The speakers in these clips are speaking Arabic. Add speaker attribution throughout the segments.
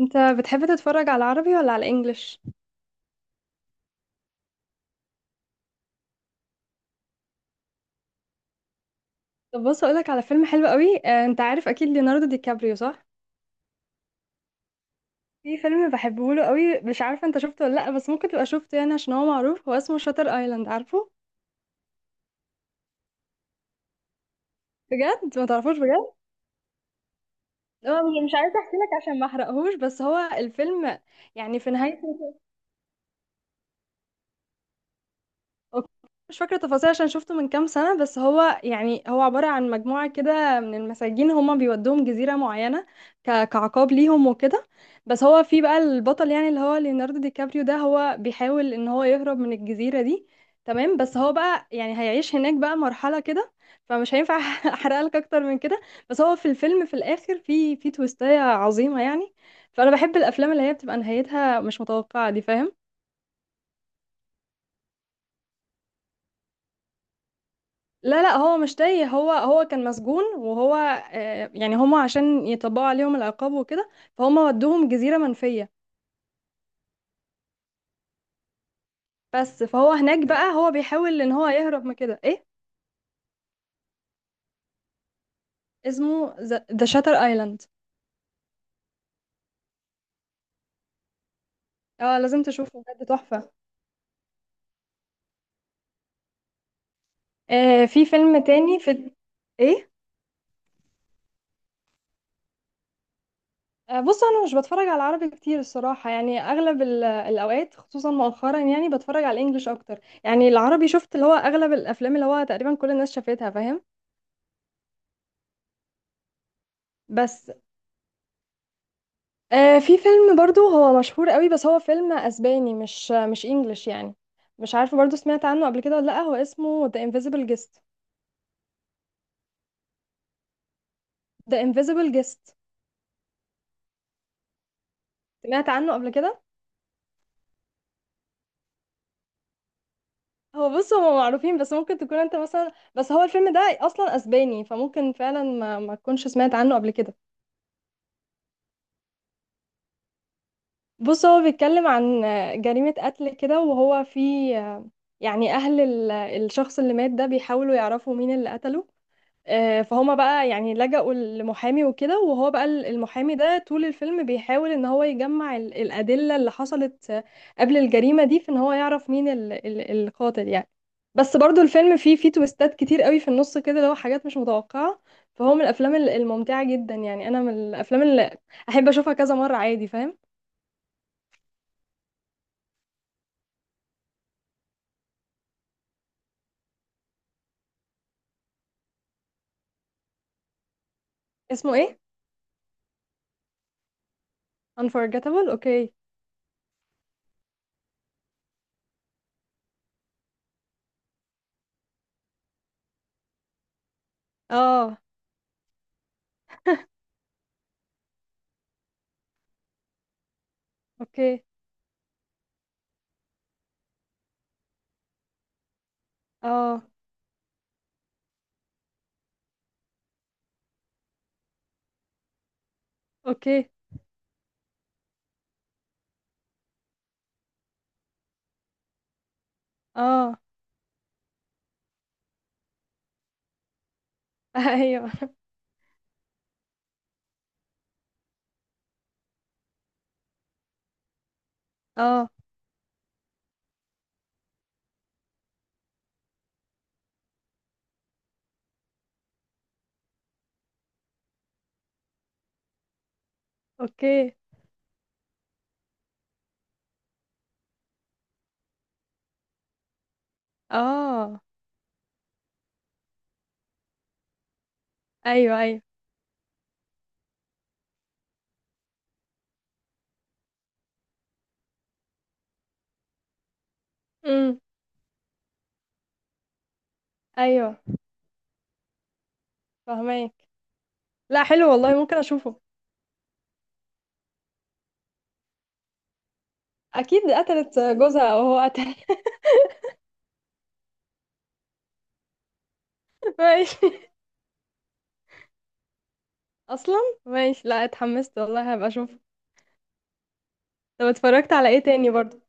Speaker 1: انت بتحب تتفرج على العربي ولا على الانجليش؟ طب بص اقولك على فيلم حلو قوي. انت عارف اكيد ليوناردو دي كابريو، صح؟ في فيلم بحبه له قوي، مش عارفه انت شفته ولا لا، بس ممكن تبقى شفته يعني عشان هو معروف. هو اسمه شاتر ايلاند، عارفه؟ بجد ما تعرفوش؟ بجد؟ هو مش عايزه احكي لك عشان ما احرقهوش، بس هو الفيلم يعني في نهايته. اوكي، مش فاكرة تفاصيل عشان شفته من كام سنة، بس هو يعني هو عبارة عن مجموعة كده من المساجين، هما بيودوهم جزيرة معينة، كعقاب ليهم وكده. بس هو في بقى البطل يعني اللي هو ليوناردو دي كابريو ده، هو بيحاول ان هو يهرب من الجزيرة دي. تمام، بس هو بقى يعني هيعيش هناك بقى مرحلة كده. فمش هينفع احرق لك اكتر من كده. بس هو في الفيلم في الاخر في تويستاية عظيمة يعني. فانا بحب الافلام اللي هي بتبقى نهايتها مش متوقعة دي، فاهم؟ لا لا، هو مش تايه. هو كان مسجون، وهو يعني هما عشان يطبقوا عليهم العقاب وكده، فهم ودوهم جزيرة منفية. بس فهو هناك بقى هو بيحاول ان هو يهرب من كده، ايه. اسمه ذا شاتر ايلاند. اه، لازم تشوفه بجد، تحفة. في فيلم تاني، في. ايه؟ بص انا مش بتفرج على عربي كتير الصراحة يعني، اغلب الاوقات خصوصا مؤخرا يعني بتفرج على الانجليش اكتر. يعني العربي شفت اللي هو اغلب الافلام اللي هو تقريبا كل الناس شافتها، فاهم؟ بس في فيلم برضو هو مشهور قوي، بس هو فيلم اسباني مش انجلش يعني. مش عارفه برضو سمعت عنه قبل كده ولا لا، هو اسمه The Invisible Guest. The Invisible Guest. سمعت عنه قبل كده؟ هو بص هما معروفين، بس ممكن تكون انت مثلا، بس هو الفيلم ده اصلا اسباني فممكن فعلا ما تكونش سمعت عنه قبل كده. بص هو بيتكلم عن جريمة قتل كده، وهو في يعني أهل الشخص اللي مات ده بيحاولوا يعرفوا مين اللي قتله. فهما بقى يعني لجأوا لمحامي وكده، وهو بقى المحامي ده طول الفيلم بيحاول إن هو يجمع الأدلة اللي حصلت قبل الجريمة دي، في إن هو يعرف مين القاتل يعني. بس برضو الفيلم فيه تويستات كتير قوي في النص كده، اللي هو حاجات مش متوقعة. فهو من الأفلام الممتعة جدا يعني، أنا من الأفلام اللي أحب أشوفها كذا مرة عادي، فاهم؟ اسمه إيه؟ Unforgettable. اوكي. اه، اوكي. اه، اوكي. اه. ايوه. اه، اوكي. اه. ايوه، ايوه. امم. ايوه، فهماك. لا حلو والله، ممكن اشوفه. اكيد قتلت جوزها او هو قتل. ماشي. اصلا ماشي. لا، اتحمست والله، هبقى اشوفه. طب اتفرجت على ايه تاني برضو؟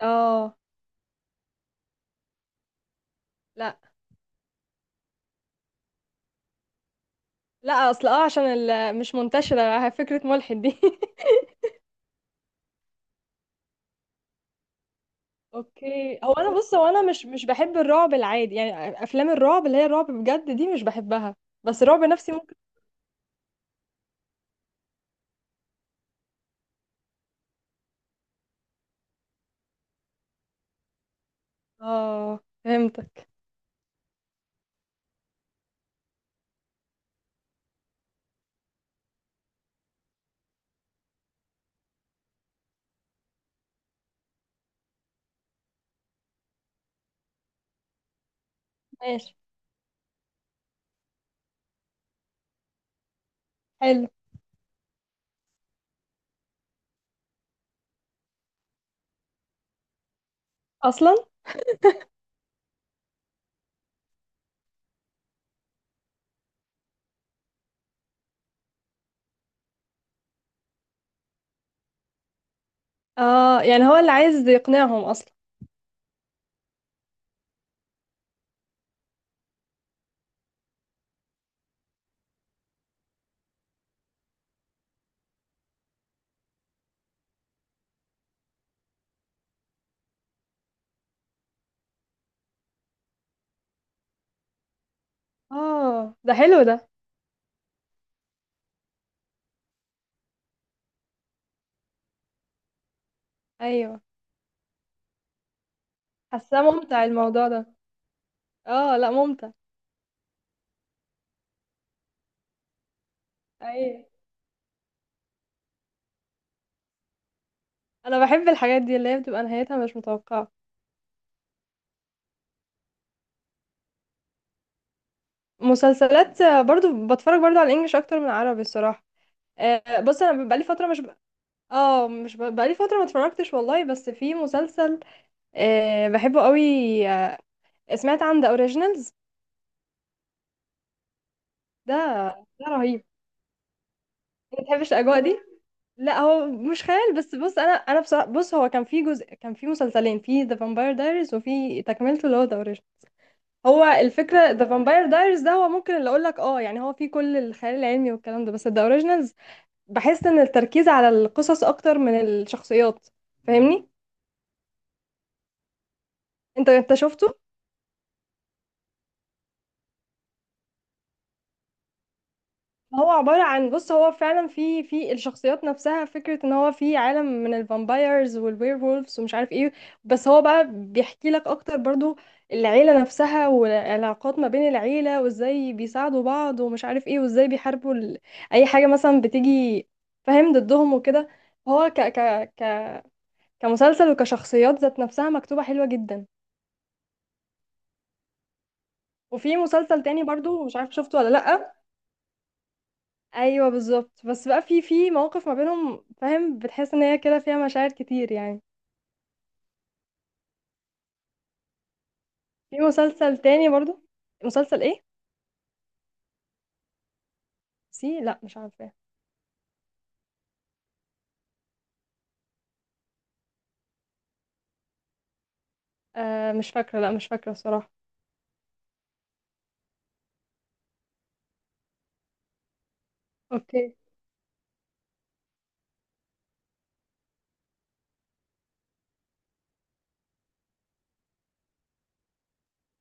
Speaker 1: اه. لا، لا. اصل اه عشان مش منتشره فكره ملحد دي. اوكي. هو انا بص، هو انا مش بحب الرعب العادي يعني، افلام الرعب اللي هي الرعب بجد دي مش بحبها. بس الرعب نفسي ممكن. اه، فهمتك. ماشي، حلو. اصلا اه يعني هو اللي عايز يقنعهم اصلا. اه، ده حلو ده. ايوه، حاساه ممتع الموضوع ده. اه، لا، ممتع. ايوه، انا بحب الحاجات دي اللي هي بتبقى نهايتها مش متوقعه. مسلسلات، برضو بتفرج برضو على الانجليش اكتر من العربي الصراحه. بص انا بقالي فتره مش، اه، مش بقالي فترة ما اتفرجتش والله، بس في مسلسل بحبه قوي. آه، سمعت عن ذا اوريجينالز؟ ده ده رهيب. ما بتحبش الاجواء دي. لا هو مش خيال، بس بص، انا بصراحة بص هو كان في جزء، كان في مسلسلين، في ذا فامباير دايريز، وفي تكملته اللي هو ذا اوريجينال. هو الفكرة ذا فامباير دايريز ده هو ممكن اللي اقول لك اه يعني هو فيه كل الخيال العلمي والكلام ده، بس ذا اوريجينالز بحس ان التركيز على القصص اكتر من الشخصيات، فاهمني؟ انت شفته؟ هو عبارة عن بص هو فعلا في الشخصيات نفسها فكرة ان هو في عالم من الفامبايرز والوير وولفز ومش عارف ايه. بس هو بقى بيحكي لك اكتر برضو العيلة نفسها والعلاقات ما بين العيلة، وازاي بيساعدوا بعض ومش عارف ايه، وازاي بيحاربوا اي حاجة مثلا بتيجي فاهم ضدهم وكده. هو ك... كمسلسل وكشخصيات ذات نفسها مكتوبة حلوة جدا. وفي مسلسل تاني برضو مش عارف شفته ولا لأ. ايوه، بالظبط، بس بقى في مواقف ما بينهم، فاهم؟ بتحس ان هي كده فيها مشاعر كتير يعني. في مسلسل تاني برضو. مسلسل ايه؟ سي. لا، مش عارفه. مش فاكره، لا مش فاكره الصراحه. اوكي.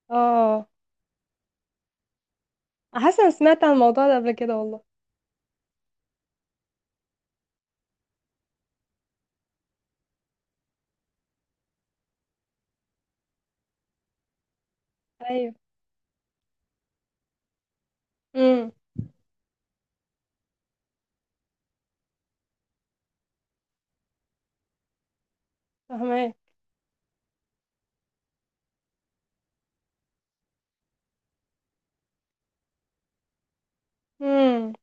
Speaker 1: اه، حاسه انا سمعت عن الموضوع ده قبل كده والله. ايوه. امم. فاهمه. امم.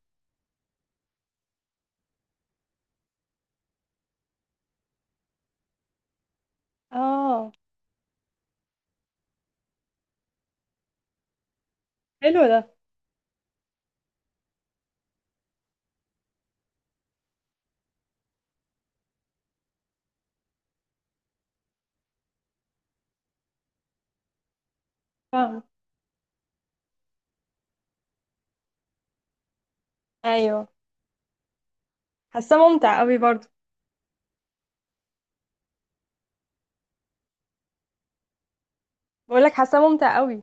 Speaker 1: اه، حلو ده. فاهم. ايوه، حاسه ممتع قوي برضو. بقول لك حاسه ممتع قوي.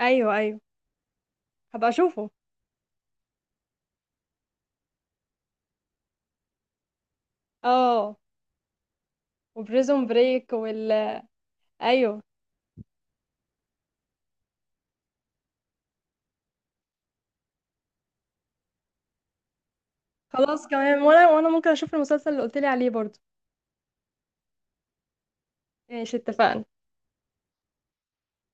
Speaker 1: ايوه، ايوه. هبقى اشوفه. اه، وبريزون بريك ايوه. خلاص، كمان وانا ممكن اشوف المسلسل اللي قلت لي عليه برضو. ماشي، اتفقنا.